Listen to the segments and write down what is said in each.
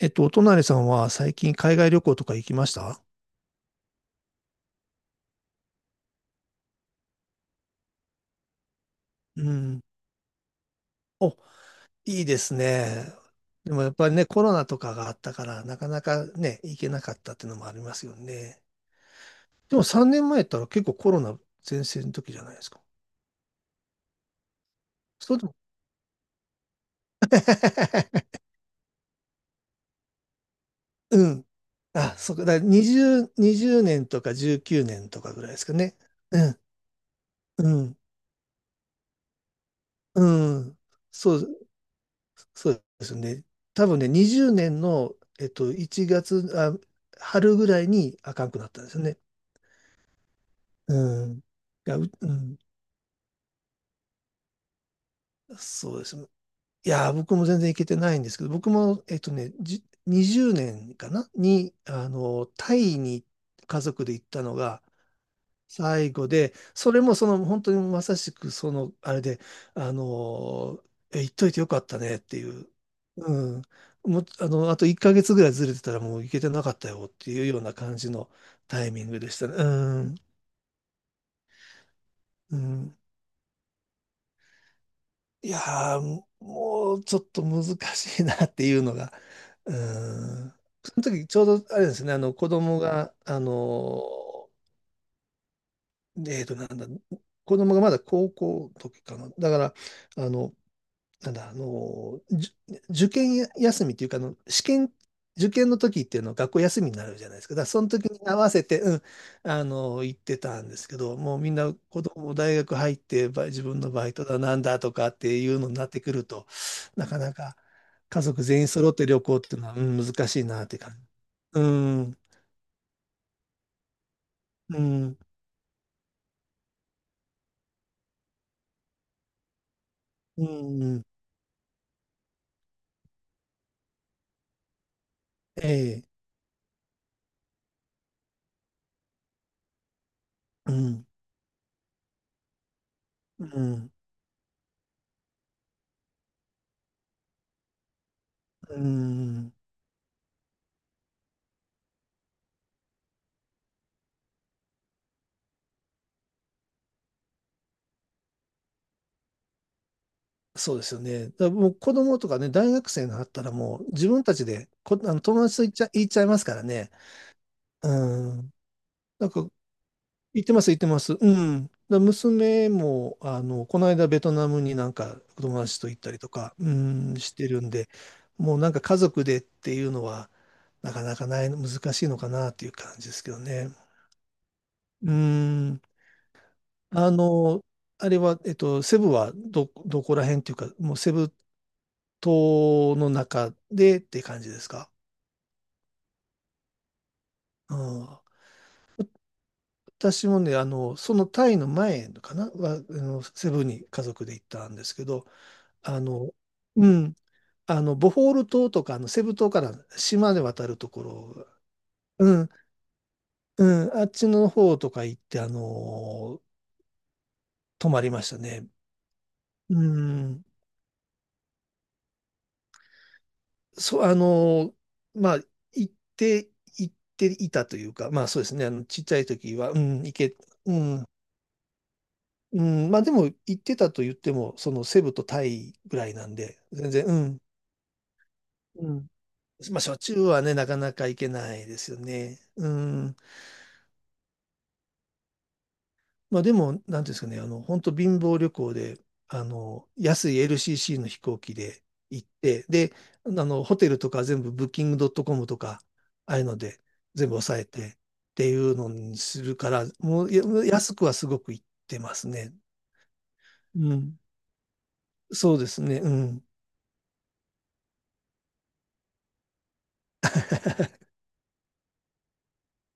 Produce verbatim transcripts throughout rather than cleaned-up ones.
えっと、お隣さんは最近海外旅行とか行きました？うん。お、いいですね。でもやっぱりね、コロナとかがあったから、なかなかね、行けなかったっていうのもありますよね。でもさんねんまえやったら結構コロナ前線の時じゃないですか。そうでも、うん。あ、そうだからにじゅう、年とかじゅうくねんとかぐらいですかね。うん、うん、うん。そう、そうですね。多分ね、にじゅうねんの、えっと、いちがつ、あ、春ぐらいにあかんくなったんですよね。うん。いや、う、うん。そうですね。いやー、僕も全然行けてないんですけど、僕も、えっとね、じ、にじゅうねんかなに、あの、タイに家族で行ったのが、最後で、それもその本当にまさしくそのあれで、あのー、え、言っといてよかったねっていう、うん、もう、あの、あといっかげつぐらいずれてたらもう行けてなかったよっていうような感じのタイミングでしたね。うん、うん。いやー、もうちょっと難しいなっていうのが、うん。その時ちょうどあれですね、あの子供が、あのえーと、なんだ、子供がまだ高校の時かな。だから、あの、なんだ、あの、じゅ受験休みっていうか、あの、試験、受験の時っていうのは学校休みになるじゃないですか。だからその時に合わせて、うん、あの、行ってたんですけど、もうみんな子供も大学入って、ば自分のバイトだなんだとかっていうのになってくると、なかなか家族全員揃って旅行っていうのは、うん、難しいなって感じ。うん、うん、うん、ええ、うん、うん、うん。そうですよね。だからもう子供とかね、大学生になったらもう自分たちでこ、あの友達と言っちゃ、言っちゃいますからね。うん。なんか、言ってます、言ってます。うん。だから娘も、あの、この間ベトナムになんか友達と行ったりとか、うん、してるんで、もうなんか家族でっていうのは、なかなかない、難しいのかなっていう感じですけどね。うん。あの、あれは、えっと、セブはど、どこら辺っていうか、もうセブ島の中でって感じですか？うん。私もね、あの、そのタイの前かなは、あの、セブンに家族で行ったんですけど、あの、うん。あの、ボホール島とか、あの、セブ島から島で渡るところ、うん、うん、あっちの方とか行って、あの、泊まりましたね。うん。そう、あの、まあ、行って、行っていたというか、まあそうですね、あの、ちっちゃい時は、うん、行け、うん、うん、まあでも言ってたと言っても、そのセブとタイぐらいなんで、全然、うん、うん。まあしょっちゅうはね、なかなか行けないですよね。うん。まあでも、なんていうんですかね、あの、本当貧乏旅行で、あの、安い エルシーシー の飛行機で行って、で、あの、ホテルとか全部ブッキングドットコムとか、ああいうので全部抑えてっていうのにするから、もうや安くはすごく行ってますね。うん。そうですね、うん。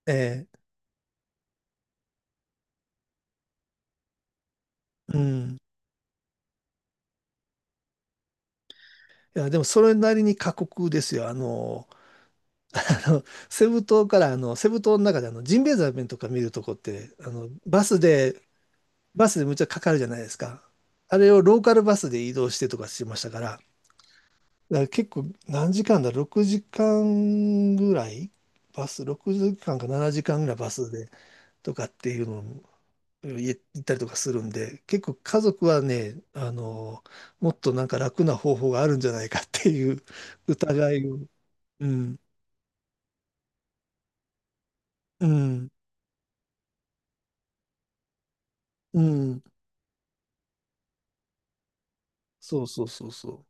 ええ、うん。いや、でもそれなりに過酷ですよ。あの、あのセブ島から、あの、セブ島の中であのジンベエザメとか見るとこって、あの、バスで、バスでむっちゃかかるじゃないですか。あれをローカルバスで移動してとかしましたから、だから結構何時間だ、ろくじかんぐらいバス、ろくじかんかななじかんぐらいバスでとかっていうのをい行ったりとかするんで、結構家族はね、あの、もっとなんか楽な方法があるんじゃないかっていう疑いを。うんうん、うん、そうそうそうそう。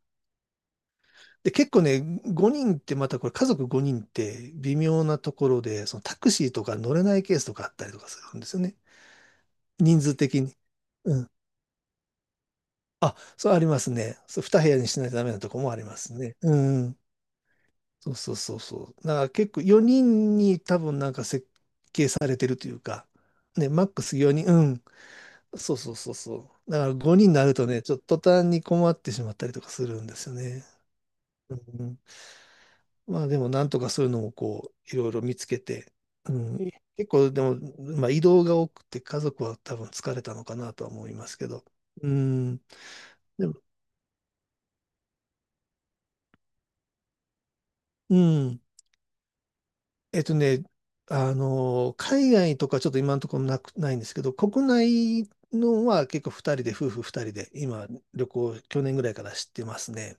で、結構ね、ごにんってまたこれ家族ごにんって微妙なところで、そのタクシーとか乗れないケースとかあったりとかするんですよね。人数的に。うん。あ、そうありますね。そう、に部屋にしないとダメなとこもありますね。うんうん。そうそうそうそう。だから結構よにんに多分なんか設計されてるというか、ね、マックスよにん、うん。そうそうそうそう。だからごにんになるとね、ちょっと途端に困ってしまったりとかするんですよね。うん。まあでもなんとかそういうのをこういろいろ見つけて、うん、結構でも、まあ、移動が多くて家族は多分疲れたのかなとは思いますけど、うん、でも、うん、えっとね、あの、海外とかちょっと今のところなく、ないんですけど、国内のは結構ふたりで、夫婦ふたりで今旅行去年ぐらいから知ってますね。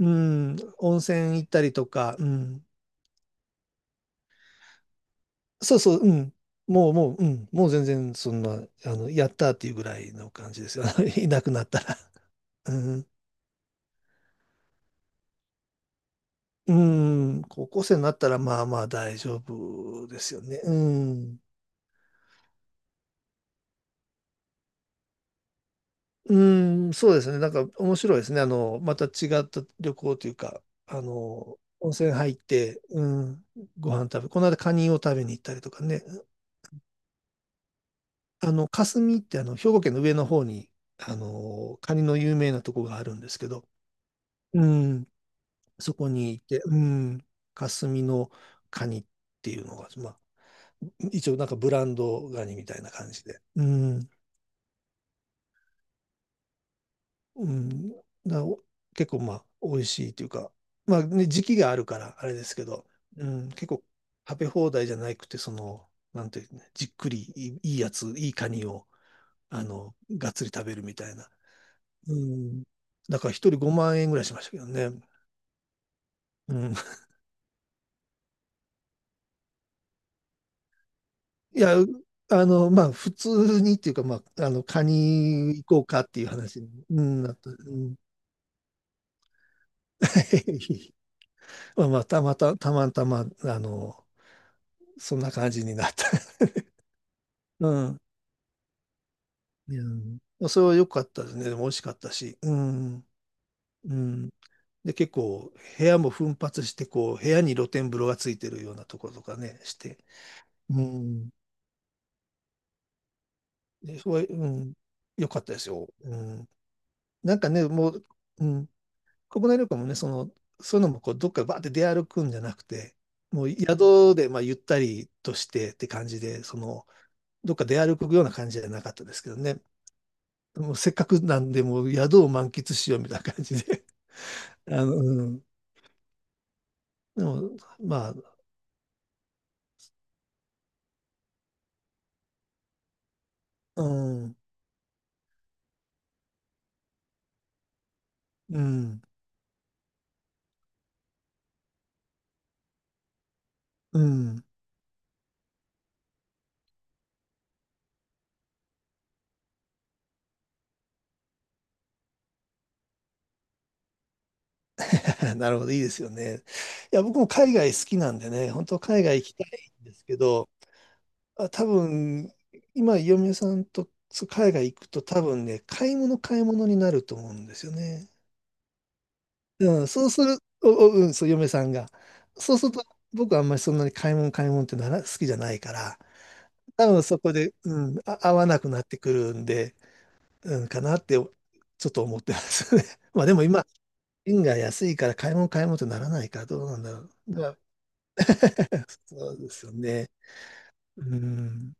うん、温泉行ったりとか、うん、そうそう、うん。もう、もう、うん。もう全然、そんな、あの、やったっていうぐらいの感じですよ。いなくなったら。うん。うん。高校生になったら、まあまあ大丈夫ですよね。うん。うん、そうですね。なんか面白いですね。あの、また違った旅行というか、あの、温泉入って、うん、ご飯食べ、この間カニを食べに行ったりとかね。あの、霞ってあの、兵庫県の上の方に、あの、カニの有名なとこがあるんですけど、うん、そこにいて、うん、霞のカニっていうのが、まあ、一応なんかブランドガニみたいな感じで、うん、うん、だお結構まあ、美味しいというか、まあね、時期があるからあれですけど、うん、結構食べ放題じゃなくて、その、なんていうね、じっくりいい、いいやつ、いいカニを、あの、がっつり食べるみたいな。うん、だから一人ごまん円ぐらいしましたけどね。うん。いや、あの、まあ、普通にっていうか、まあ、あの、カニ行こうかっていう話に、うん、なった。うん。 まあ、まあたまた、たまたま、あの、そんな感じになった。うん。いや、うん、それは良かったですね。でも美味しかったし。うん。うん。で、結構、部屋も奮発して、こう、部屋に露天風呂がついてるようなところとかね、して。うん。で、それは、うん。良かったですよ。うん。なんかね、もう、うん。国内旅行もね、その、そういうのもこうどっかバーって出歩くんじゃなくて、もう宿でまあゆったりとしてって感じで、その、どっか出歩くような感じじゃなかったですけどね。もうせっかくなんで、もう宿を満喫しようみたいな感じで。あの、うん。でも、まあ、うん、うん、うん。なるほど、いいですよね。いや、僕も海外好きなんでね、本当海外行きたいんですけど、あ、多分、今、嫁さんとそう海外行くと多分ね、買い物買い物になると思うんですよね。うん、そうする、お、お、うん、そう、嫁さんが。そうすると、僕はあんまりそんなに買い物買い物ってなら、好きじゃないから、多分そこで、うん、あ、合わなくなってくるんで、うん、かなって、ちょっと思ってますね。まあでも今、円が安いから買い物買い物ってならないからどうなんだろう。だからそうですよね。うん。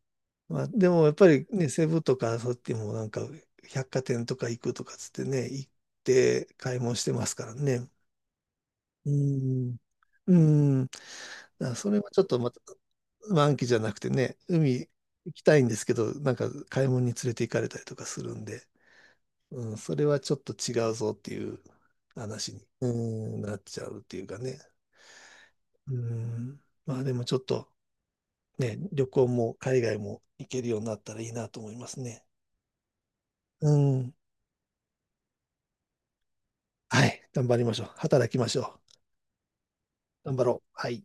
まあ、でもやっぱりね、セブとかそうやっちもなんか百貨店とか行くとかつってね、行って買い物してますからね。うん。うん。だからそれはちょっとまた満期じゃなくてね、海行きたいんですけど、なんか買い物に連れて行かれたりとかするんで、うん、それはちょっと違うぞっていう話に、うん、なっちゃうっていうかね。うん。まあでもちょっとね、旅行も海外も行けるようになったらいいなと思いますね。うん。はい。頑張りましょう。働きましょう。頑張ろう。はい。